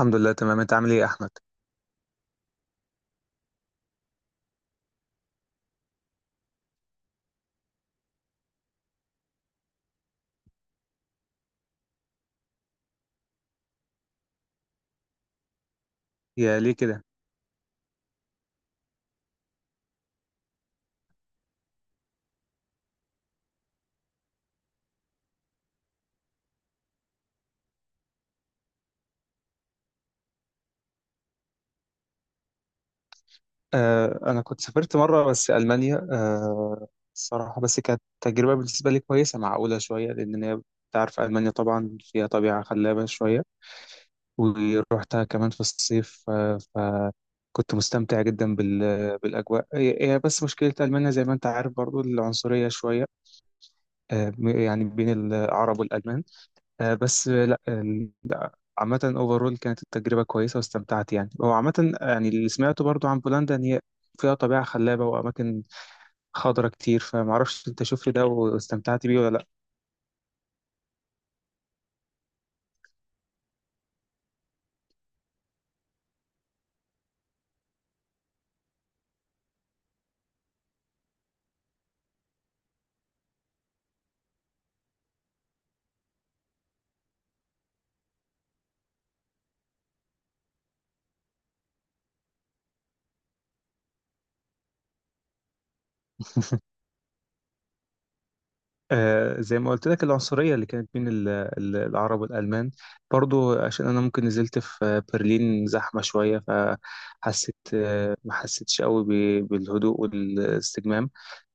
الحمد لله، تمام. انت عامل ايه يا احمد؟ يا ليه كده؟ أنا كنت سافرت مرة بس ألمانيا. الصراحة بس كانت تجربة بالنسبة لي كويسة، معقولة شوية، لأن هي أنت عارف ألمانيا طبعا فيها طبيعة خلابة شوية، ورحتها كمان في الصيف. فكنت مستمتع جدا بالأجواء هي هي، بس مشكلة ألمانيا زي ما أنت عارف برضو العنصرية شوية، يعني بين العرب والألمان. آه، بس آه، لا، عامة اوفرول كانت التجربة كويسة واستمتعت. يعني هو عامة، يعني اللي سمعته برضو عن بولندا ان هي فيها طبيعة خلابة وأماكن خضرة كتير، فمعرفش أنت شفت ده واستمتعت بيه ولا لأ؟ زي ما قلت لك العنصرية اللي كانت بين العرب والألمان، برضو عشان أنا ممكن نزلت في برلين زحمة شوية، فحسيت ما حسيتش قوي بالهدوء والاستجمام.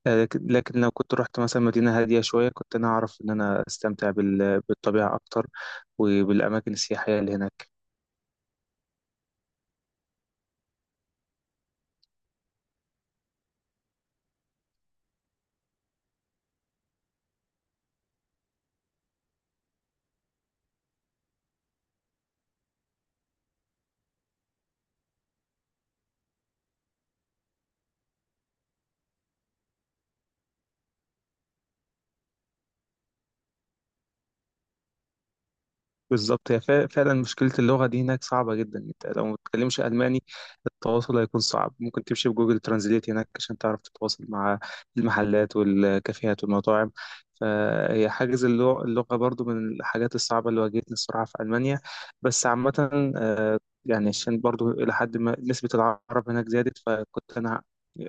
لكن لو كنت رحت مثلا مدينة هادية شوية كنت أنا أعرف إن أنا أستمتع بالطبيعة أكتر وبالأماكن السياحية اللي هناك. بالظبط، هي فعلا مشكلة اللغة دي هناك صعبة جدا. أنت لو ما بتتكلمش ألماني التواصل هيكون صعب، ممكن تمشي بجوجل ترانزليت هناك عشان تعرف تتواصل مع المحلات والكافيهات والمطاعم. فهي حاجز اللغة برضو من الحاجات الصعبة اللي واجهتني الصراحة في ألمانيا. بس عامة، يعني عشان برضو إلى حد ما نسبة العرب هناك زادت، فكنت أنا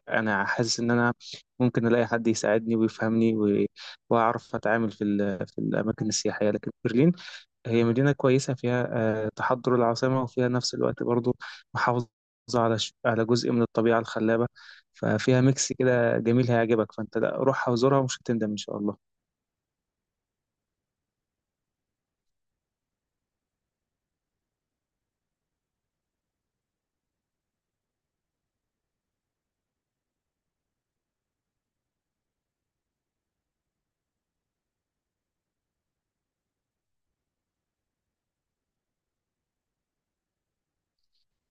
أنا حاسس إن أنا ممكن ألاقي حد يساعدني ويفهمني وأعرف أتعامل في الأماكن السياحية. لكن برلين هي مدينة كويسة فيها تحضر العاصمة، وفيها نفس الوقت برضو محافظة على جزء من الطبيعة الخلابة. ففيها ميكس كده جميل هيعجبك، فأنت لا، روحها وزورها ومش هتندم إن شاء الله.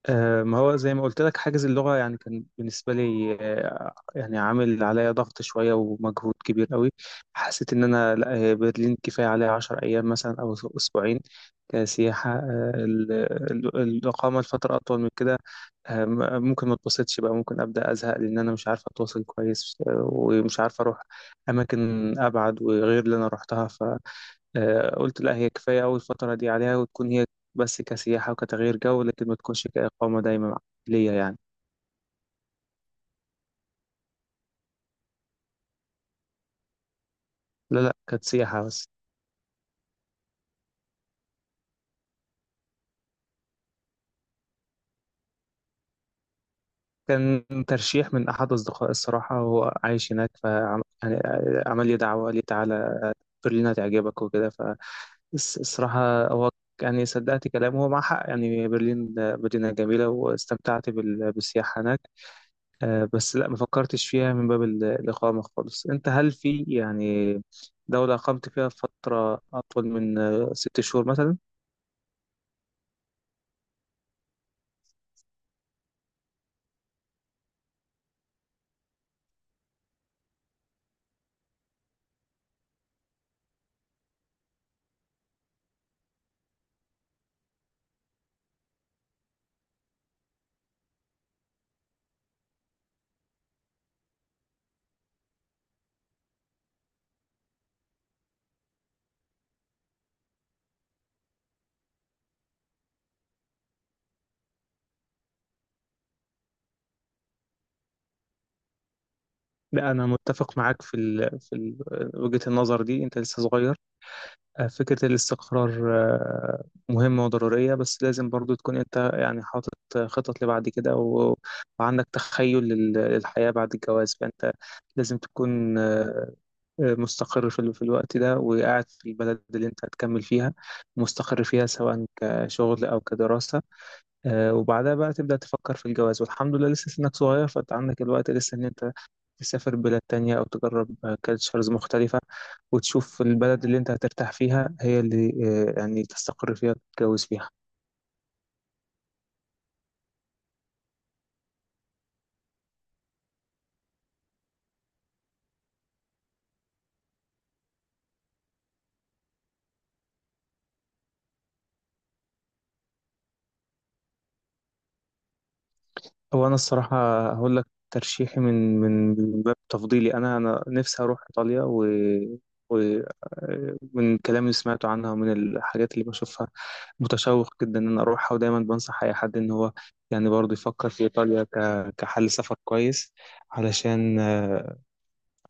ما هو زي ما قلت لك حاجز اللغة يعني كان بالنسبة لي، يعني عامل عليا ضغط شوية ومجهود كبير قوي. حسيت إن أنا لا، هي برلين كفاية عليا 10 أيام مثلا أو أسبوعين كسياحة. الإقامة لفترة أطول من كده ممكن ما اتبسطش بقى، ممكن أبدأ أزهق، لأن أنا مش عارف أتواصل كويس، ومش عارف أروح أماكن أبعد وغير اللي أنا روحتها. قلت لا، هي كفاية أوي الفترة دي عليها، وتكون هي بس كسياحة وكتغيير جو، لكن ما تكونش كإقامة دايما ليا يعني. لا لا، كانت سياحة بس. كان ترشيح من أحد أصدقائي الصراحة، وهو عايش هناك فعمل لي دعوة، قال لي تعالى برلين هتعجبك وكده. فالصراحة هو يعني صدقت كلامه، هو مع حق، يعني برلين مدينة جميلة واستمتعت بالسياحة هناك. بس لا ما فكرتش فيها من باب الإقامة خالص. أنت هل في يعني دولة أقمت فيها فترة أطول من 6 شهور مثلا؟ لا، أنا متفق معاك في وجهة النظر دي. أنت لسه صغير، فكرة الاستقرار مهمة وضرورية، بس لازم برضو تكون أنت يعني حاطط خطط لبعد كده و... وعندك تخيل للحياة بعد الجواز. فأنت لازم تكون مستقر في الوقت ده، وقاعد في البلد اللي انت هتكمل فيها، مستقر فيها سواء كشغل او كدراسة. وبعدها بقى تبدأ تفكر في الجواز، والحمد لله لسه سنك صغير، فانت عندك الوقت لسه ان انت تسافر بلاد تانية او تجرب كالتشرز مختلفة، وتشوف البلد اللي انت هترتاح فيها هي اللي يعني تستقر فيها وتتجوز فيها. هو انا الصراحه هقول لك ترشيحي من باب تفضيلي، انا نفسي اروح ايطاليا. و ومن الكلام اللي سمعته عنها ومن الحاجات اللي بشوفها متشوق جدا ان انا اروحها، ودايما بنصح اي حد ان هو يعني برضه يفكر في ايطاليا كحل سفر كويس. علشان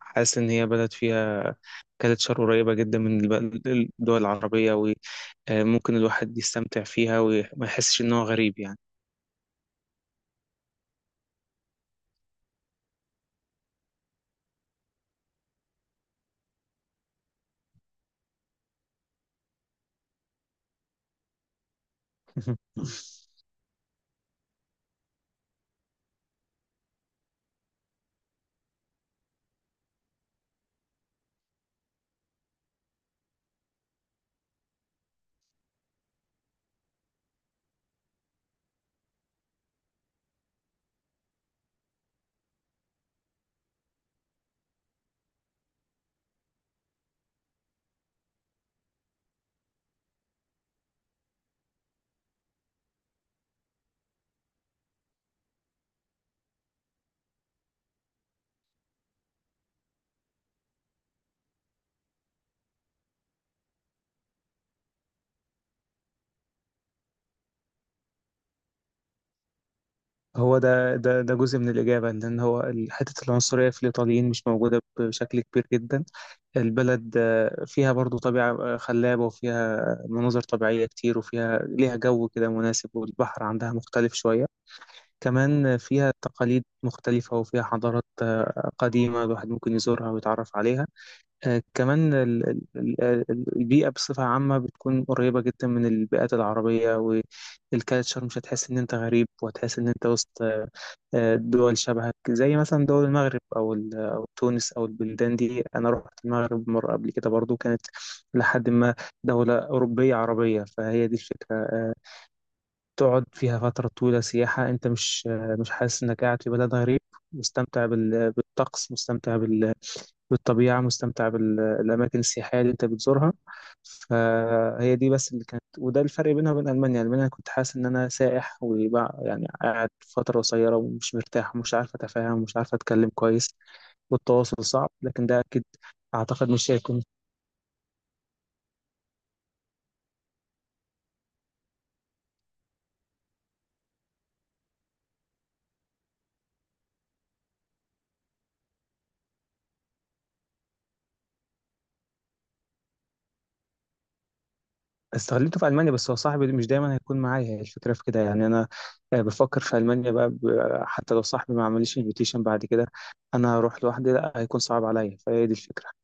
حاسس ان هي بلد فيها كالتشر قريبه جدا من الدول العربيه، وممكن الواحد يستمتع فيها وما يحسش ان هو غريب يعني. هو ده جزء من الإجابة، إن هو حتة العنصرية في الإيطاليين مش موجودة بشكل كبير جدا. البلد فيها برضو طبيعة خلابة، وفيها مناظر طبيعية كتير، وفيها ليها جو كده مناسب، والبحر عندها مختلف شوية كمان. فيها تقاليد مختلفة، وفيها حضارات قديمة الواحد ممكن يزورها ويتعرف عليها. كمان البيئة بصفة عامة بتكون قريبة جدا من البيئات العربية، والكالتشر مش هتحس إن أنت غريب، وهتحس إن أنت وسط دول شبهك، زي مثلا دول المغرب أو تونس أو البلدان دي. أنا رحت المغرب مرة قبل كده برضو، كانت لحد ما دولة أوروبية عربية. فهي دي الفكرة، تقعد فيها فترة طويلة سياحة أنت مش مش حاسس إنك قاعد في بلد غريب، مستمتع بالطقس، مستمتع بالطبيعة، مستمتع بالأماكن السياحية اللي أنت بتزورها. فهي دي بس اللي كانت، وده الفرق بينها وبين ألمانيا. ألمانيا كنت حاسس إن أنا سائح وبقى يعني قاعد فترة قصيرة ومش مرتاح ومش عارف أتفاهم ومش عارف أتكلم كويس والتواصل صعب، لكن ده أكيد. أعتقد مش هيكون. استغلته في ألمانيا، بس هو صاحبي مش دايما هيكون معايا، هي الفكرة في كده يعني. أنا بفكر في ألمانيا بقى، حتى لو صاحبي ما عمليش انفيتيشن بعد كده أنا هروح لوحدي، لا هيكون صعب عليا. فهي دي الفكرة